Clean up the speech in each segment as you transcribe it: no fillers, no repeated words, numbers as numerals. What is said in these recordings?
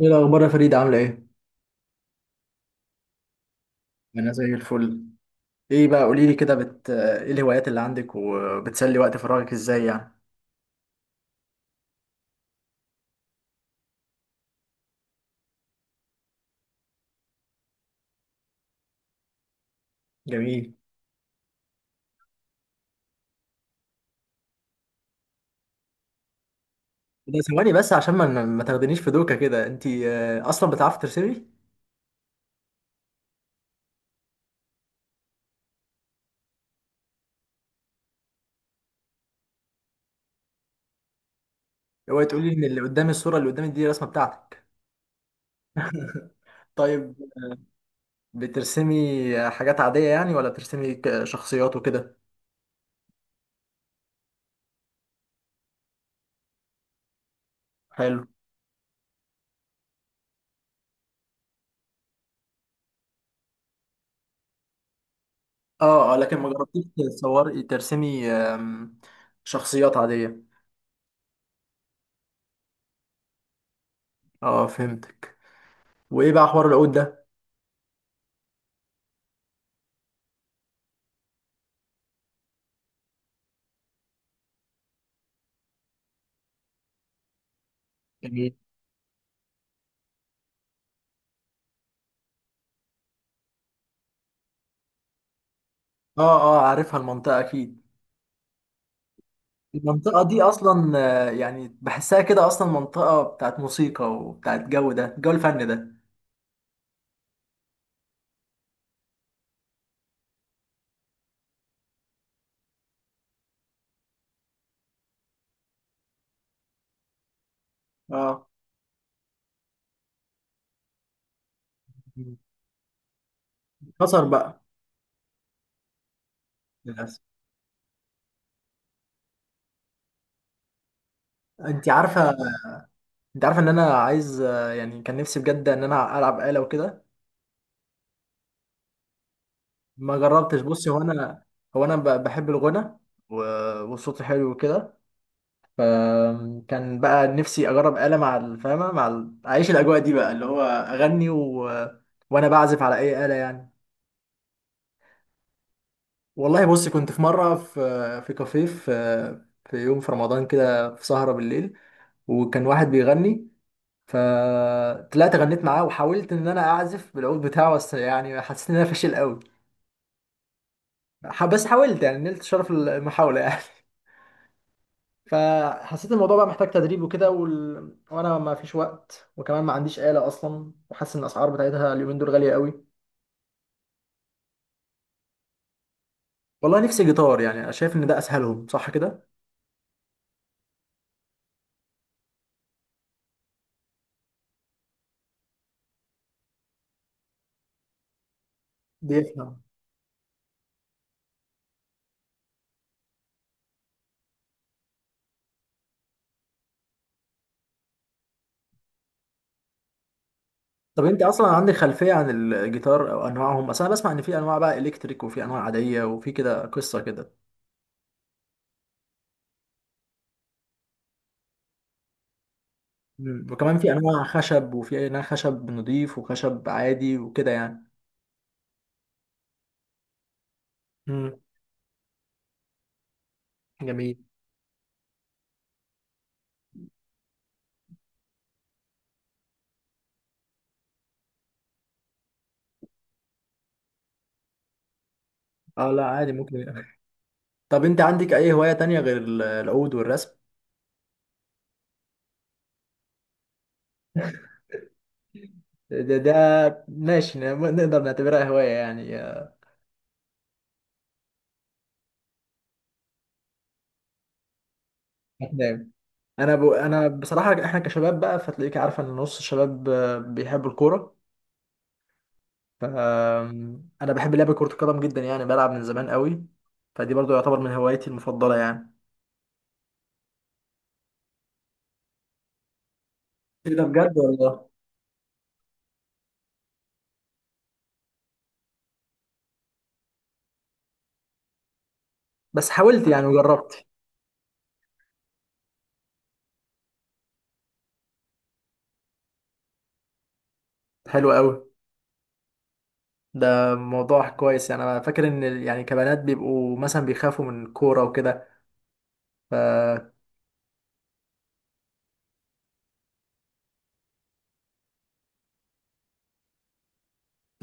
ايه الاخبار يا فريد، عامله ايه؟ انا زي الفل. ايه بقى، قولي لي كده ايه الهوايات اللي عندك وبتسلي وقت فراغك ازاي يعني؟ جميل. ده ثواني بس عشان ما تاخدنيش في دوكه كده. انت اصلا بتعرفي ترسمي؟ اوعي تقولي ان اللي قدامي، الصوره اللي قدامي دي الرسمه بتاعتك. طيب. بترسمي حاجات عاديه يعني، ولا بترسمي شخصيات وكده؟ حلو. اه اه، لكن ما جربتيش تصوري ترسمي شخصيات عاديه؟ اه فهمتك. وايه بقى حوار العود ده؟ اه اه عارفها المنطقة اكيد. المنطقة دي اصلا، يعني بحسها كده اصلا منطقة بتاعت موسيقى، وبتاعت جو، ده جو الفن ده. اه اتكسر بقى. للاسف. انت عارفة انت عارفة ان انا عايز، يعني كان نفسي بجد ان انا العب آلة وكده. ما جربتش. بصي، هو انا بحب الغنى، والصوت حلو وكده. فكان بقى نفسي اجرب آلة مع الفاهمة، مع اعيش الاجواء دي بقى اللي هو اغني وانا بعزف على اي آلة يعني. والله بص، كنت في مرة في، في كافيه، في يوم في رمضان كده، في سهرة بالليل، وكان واحد بيغني، فطلعت غنيت معاه وحاولت ان انا اعزف بالعود بتاعه، بس يعني حسيت ان انا فاشل قوي. بس حاولت يعني، نلت شرف المحاولة يعني. فحسيت الموضوع بقى محتاج تدريب وكده، وانا ما فيش وقت، وكمان ما عنديش آلة اصلا، وحاسس ان الاسعار بتاعتها اليومين دول غالية قوي. والله نفسي جيتار، يعني أنا شايف ان ده اسهلهم، صح كده؟ دي. طب انت اصلا عندك خلفيه عن الجيتار او انواعهم؟ بس انا بسمع ان في انواع بقى الكتريك، وفي انواع عاديه، وفي كده قصه كده. مم. وكمان في انواع خشب، وفي انواع خشب نضيف وخشب عادي وكده يعني. امم. جميل. اه لا عادي ممكن. طب انت عندك اي هوايه تانية غير العود والرسم؟ ده ماشي، نقدر نعتبرها هواية يعني. هتنام. انا بصراحه، احنا كشباب بقى فتلاقيك عارفه ان نص الشباب بيحبوا الكوره. ف انا بحب لعب كرة القدم جدا، يعني بلعب من زمان قوي، فدي برضو يعتبر من هوايتي المفضلة يعني. ايه ده بجد والله؟ بس حاولت يعني وجربت. حلو قوي. ده موضوع كويس يعني. انا فاكر ان يعني كبنات بيبقوا مثلا بيخافوا من الكورة وكده. ف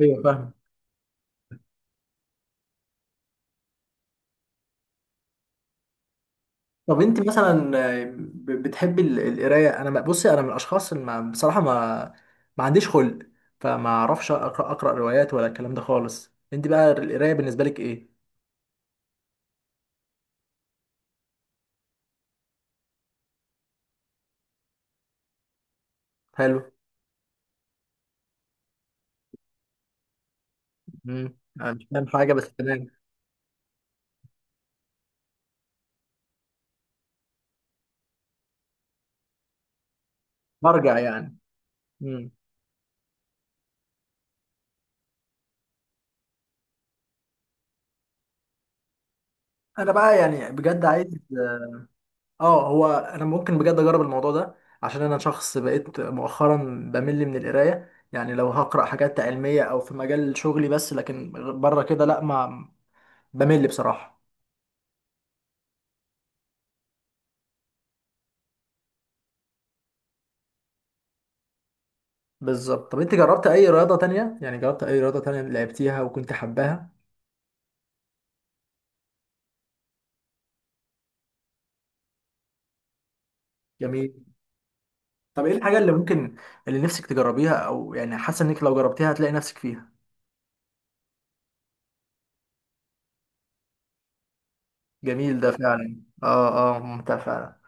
ايوه فاهم. طب انت مثلا، بتحبي القراية؟ انا بصي، انا من الاشخاص اللي ما بصراحة ما عنديش خلق، فما اعرفش اقرا روايات ولا الكلام ده خالص. انت بقى القراية بالنسبة لك ايه؟ حلو. مم. انا مش فاهم حاجه، بس تمام. برجع يعني. مم. انا بقى يعني بجد عايز. اه، هو انا ممكن بجد اجرب الموضوع ده، عشان انا شخص بقيت مؤخرا بمل من القرايه. يعني لو هقرا حاجات علميه او في مجال شغلي بس، لكن بره كده لا، ما بمل بصراحه. بالظبط. طب انت جربت اي رياضه تانية؟ يعني جربت اي رياضه تانية لعبتيها وكنت حباها؟ جميل. طب ايه الحاجه اللي ممكن، اللي نفسك تجربيها، او يعني حاسه انك لو جربتيها هتلاقي نفسك فيها؟ جميل ده فعلا. اه اه، ممتع فعلا.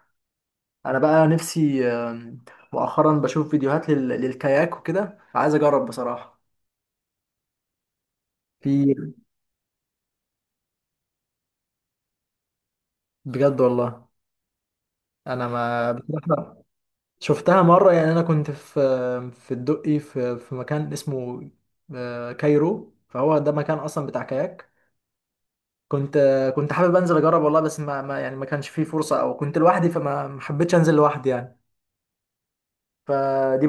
انا بقى نفسي، مؤخرا بشوف فيديوهات للكاياك وكده، عايز اجرب بصراحه. في. بجد والله. انا ما بصراحه شفتها مره يعني. انا كنت في، في الدقي، في مكان اسمه كايرو، فهو ده مكان اصلا بتاع كاياك. كنت حابب انزل اجرب والله، بس ما يعني ما كانش فيه فرصه، او كنت لوحدي، فما ما حبيتش انزل لوحدي يعني. فدي،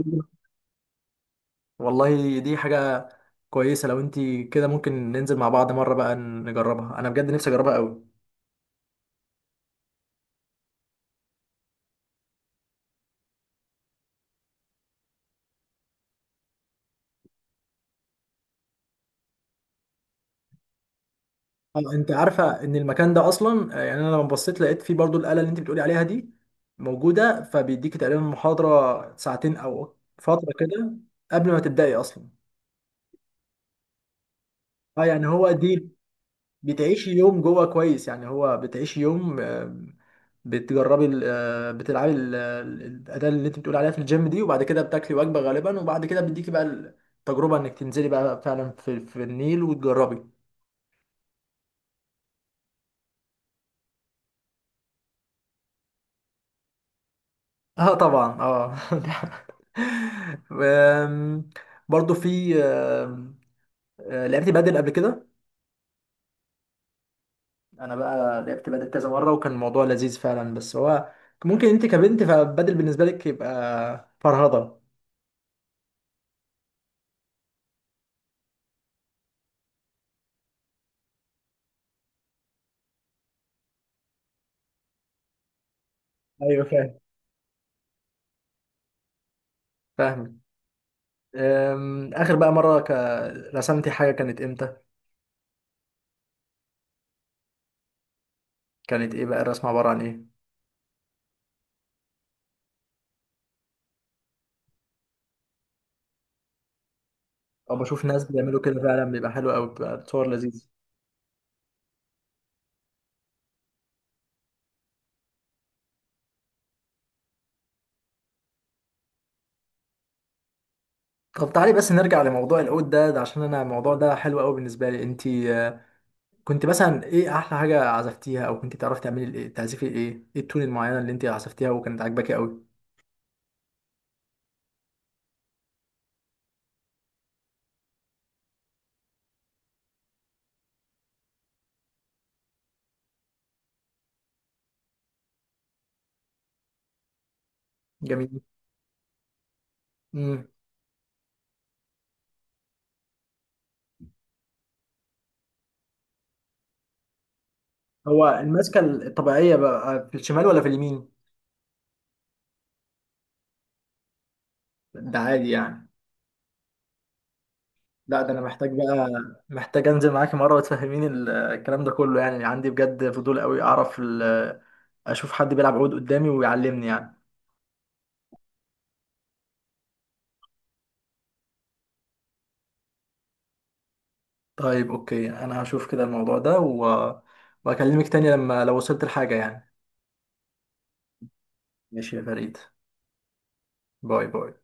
والله دي حاجه كويسه. لو انت كده، ممكن ننزل مع بعض مره بقى نجربها. انا بجد نفسي اجربها قوي. اه انت عارفه ان المكان ده اصلا، يعني انا لما بصيت لقيت فيه برضو الاله اللي انت بتقولي عليها دي موجوده، فبيديكي تقريبا محاضره ساعتين او فتره كده قبل ما تبداي اصلا. اه يعني هو دي، بتعيشي يوم جوه كويس يعني. هو بتعيشي يوم، بتجربي بتلعبي الاداه اللي انت بتقولي عليها في الجيم دي، وبعد كده بتاكلي وجبه غالبا، وبعد كده بيديكي بقى التجربه انك تنزلي بقى فعلا في, النيل وتجربي. اه طبعا. اه. أم، برضو في لعبت بدل قبل كده. انا بقى لعبت بدل كذا مره، وكان الموضوع لذيذ فعلا، بس هو ممكن انت كبنت فبدل بالنسبه لك يبقى فرهضه. ايوه فاهم، فاهم. اخر بقى مره رسمتي حاجه كانت امتى؟ كانت ايه بقى الرسمه؟ عباره عن ايه؟ او بشوف ناس بيعملوا كده فعلا، بيبقى حلو قوي، بيبقى صور لذيذ. طب تعالي بس نرجع لموضوع العود ده عشان انا الموضوع ده حلو قوي بالنسبه لي. انت كنت مثلا ايه احلى حاجه عزفتيها؟ او كنت تعرفي تعملي الايه، تعزفي ايه؟ ايه التون المعينه اللي انت عزفتيها وكانت عاجباكي قوي؟ جميل. امم. هو المسكه الطبيعيه بقى في الشمال ولا في اليمين؟ ده عادي يعني. لا ده انا محتاج بقى، محتاج انزل معاكي مره وتفهميني الكلام ده كله. يعني عندي بجد فضول قوي، اعرف اشوف حد بيلعب عود قدامي ويعلمني يعني. طيب اوكي، انا هشوف كده الموضوع ده واكلمك تاني لما لو وصلت لحاجه يعني. ماشي يا فريد. باي باي.